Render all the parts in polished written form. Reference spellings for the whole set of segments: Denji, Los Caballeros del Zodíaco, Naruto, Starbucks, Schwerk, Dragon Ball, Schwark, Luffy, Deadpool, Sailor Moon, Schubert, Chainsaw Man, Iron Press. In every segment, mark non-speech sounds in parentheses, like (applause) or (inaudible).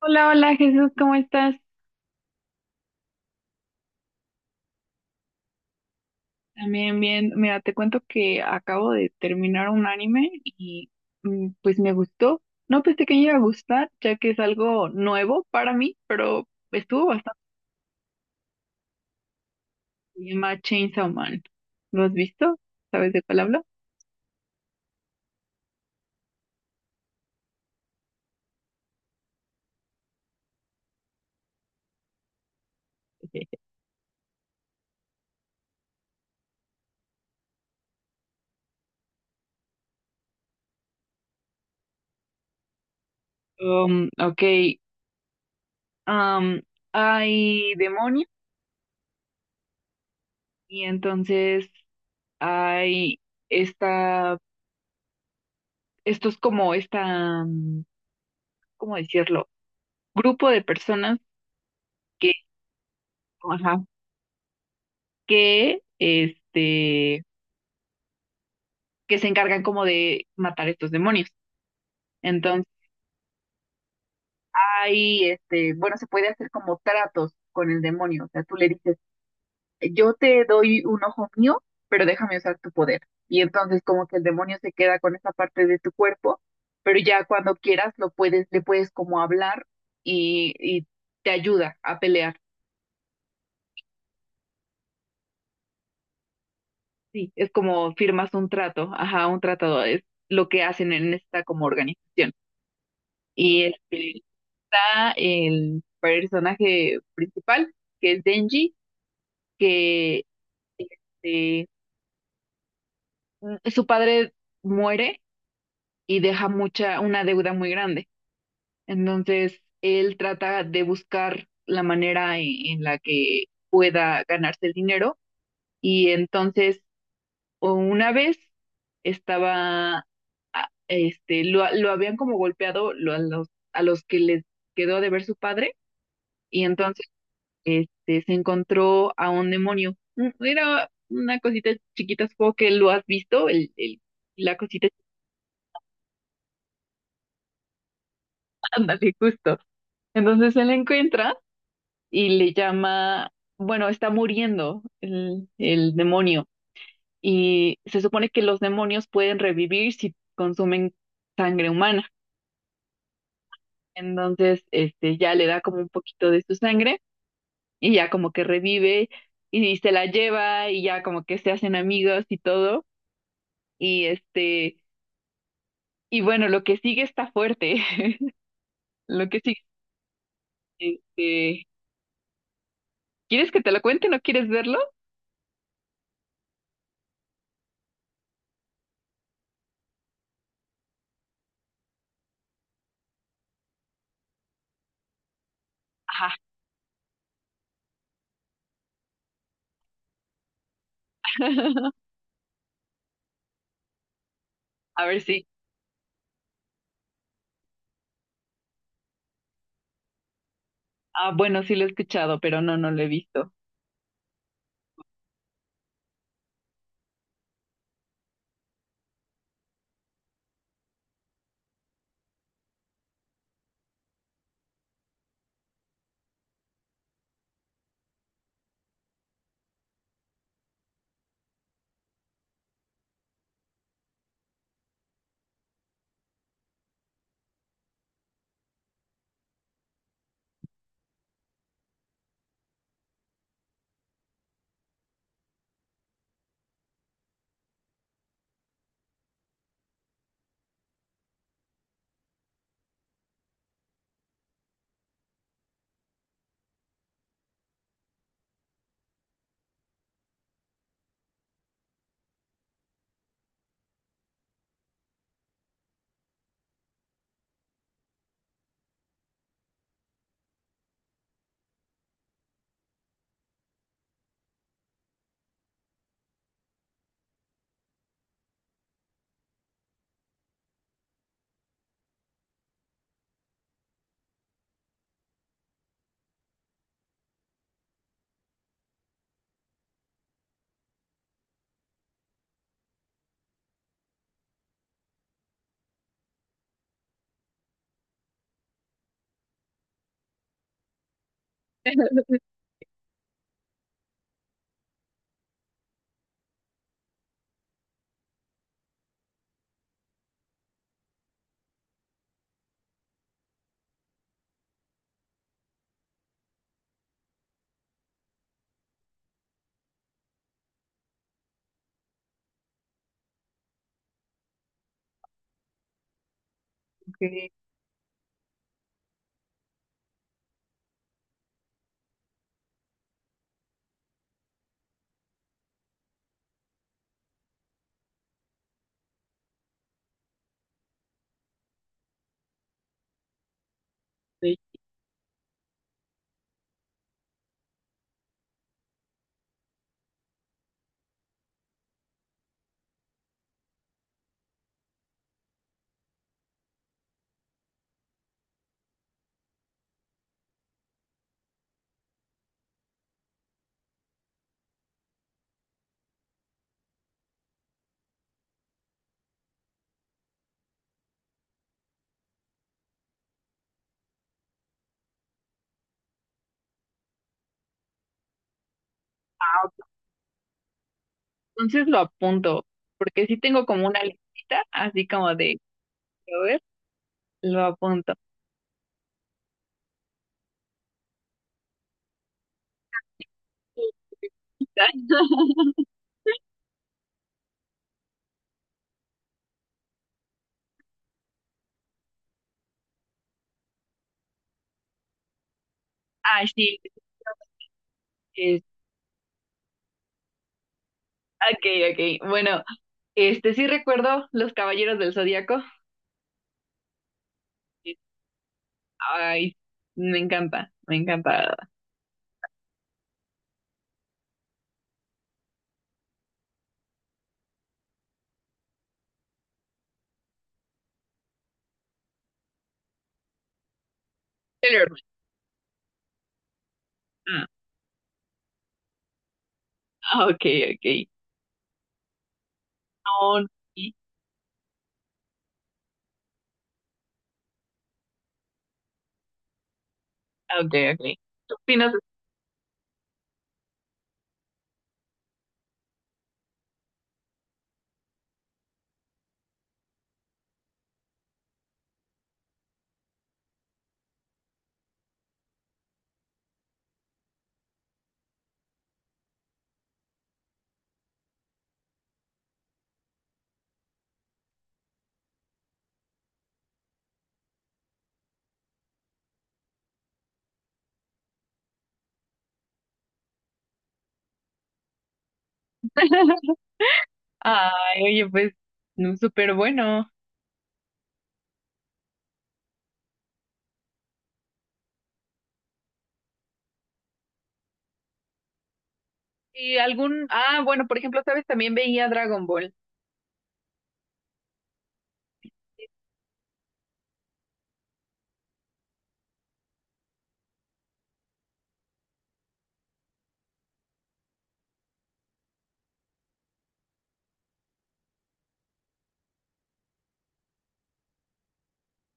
Hola, hola Jesús, ¿cómo estás? También bien, mira, te cuento que acabo de terminar un anime y pues me gustó. No pensé que me iba a gustar, ya que es algo nuevo para mí, pero estuvo bastante bien. Se llama Chainsaw Man. ¿Lo has visto? ¿Sabes de cuál hablo? (laughs) Ok. um Hay demonios y entonces hay esta, estos como ¿cómo decirlo? Grupo de personas que, ajá, que que se encargan como de matar estos demonios. Entonces, ahí, este, bueno, se puede hacer como tratos con el demonio. O sea, tú le dices, yo te doy un ojo mío, pero déjame usar tu poder. Y entonces como que el demonio se queda con esa parte de tu cuerpo, pero ya cuando quieras lo puedes, le puedes como hablar y te ayuda a pelear. Sí, es como firmas un trato, ajá, un tratado, es lo que hacen en esta como organización. Y este, está el personaje principal, que es Denji, que eh, su padre muere y deja mucha, una deuda muy grande. Entonces, él trata de buscar la manera en la que pueda ganarse el dinero. Y entonces, o una vez estaba, este, lo habían como golpeado a a los que les quedó de ver su padre. Y entonces este, se encontró a un demonio. Era una cosita chiquita, supongo que lo has visto, la cosita, (laughs) ándale, justo. Entonces él la encuentra y le llama, bueno, está muriendo el demonio. Y se supone que los demonios pueden revivir si consumen sangre humana. Entonces, este, ya le da como un poquito de su sangre y ya como que revive y se la lleva y ya como que se hacen amigos y todo. Y este, y bueno, lo que sigue está fuerte. (laughs) Lo que sigue, este, ¿quieres que te lo cuente? ¿No quieres verlo? Ajá. (laughs) A ver si. Ah, bueno, sí lo he escuchado, pero no, no lo he visto. Ok, ok. Ah, ok. Entonces lo apunto, porque sí tengo como una listita, así como de, a ver, lo apunto. (laughs) Ah, sí. es- ok, ok. Bueno, este sí recuerdo Los Caballeros del Zodíaco. Ay, me encanta, me encanta. Sailor Moon. Ah, ok, ok. No, no, sí. Ah, ok, ok. ¿Qué opinas? (laughs) Ay, oye, pues, no, súper bueno. Y algún, ah, bueno, por ejemplo, ¿sabes? También veía Dragon Ball.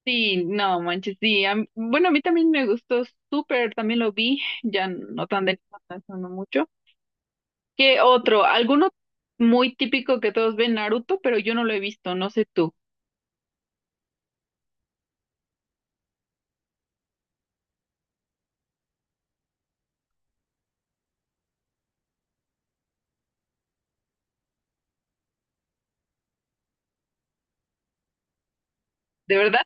Sí, no, manches, sí. Bueno, a mí también me gustó súper, también lo vi, ya no tan de no no mucho. ¿Qué otro? Alguno muy típico que todos ven, Naruto, pero yo no lo he visto, no sé tú. ¿De verdad?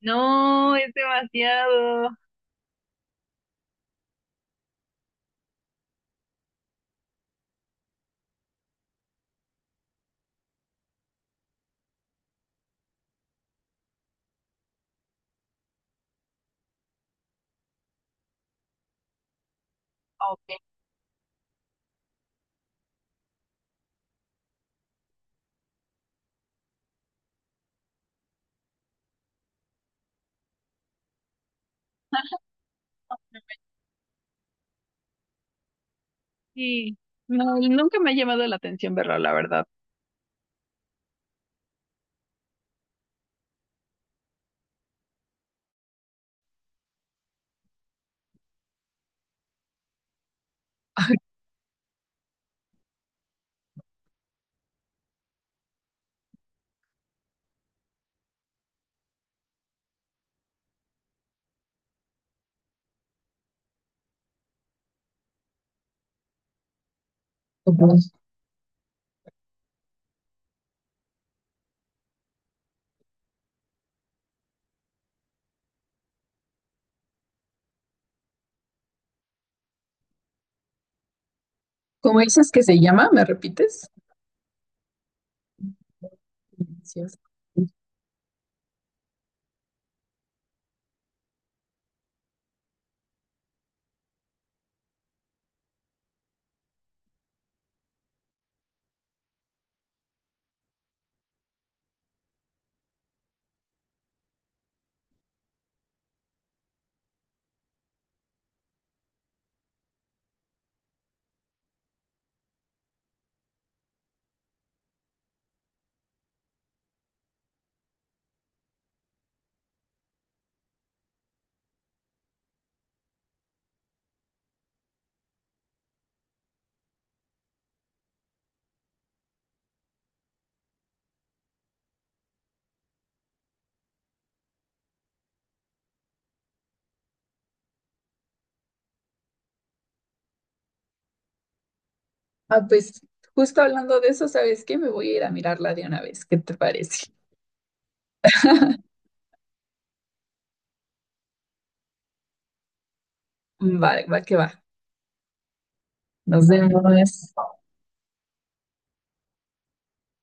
No, es demasiado. Ok, sí. No, nunca me ha llamado la atención verlo, la verdad. ¿Cómo dices que se llama? ¿Me repites? Delicioso. Ah, pues justo hablando de eso, ¿sabes qué? Me voy a ir a mirarla de una vez. ¿Qué te parece? Va, va que va. Nos vemos.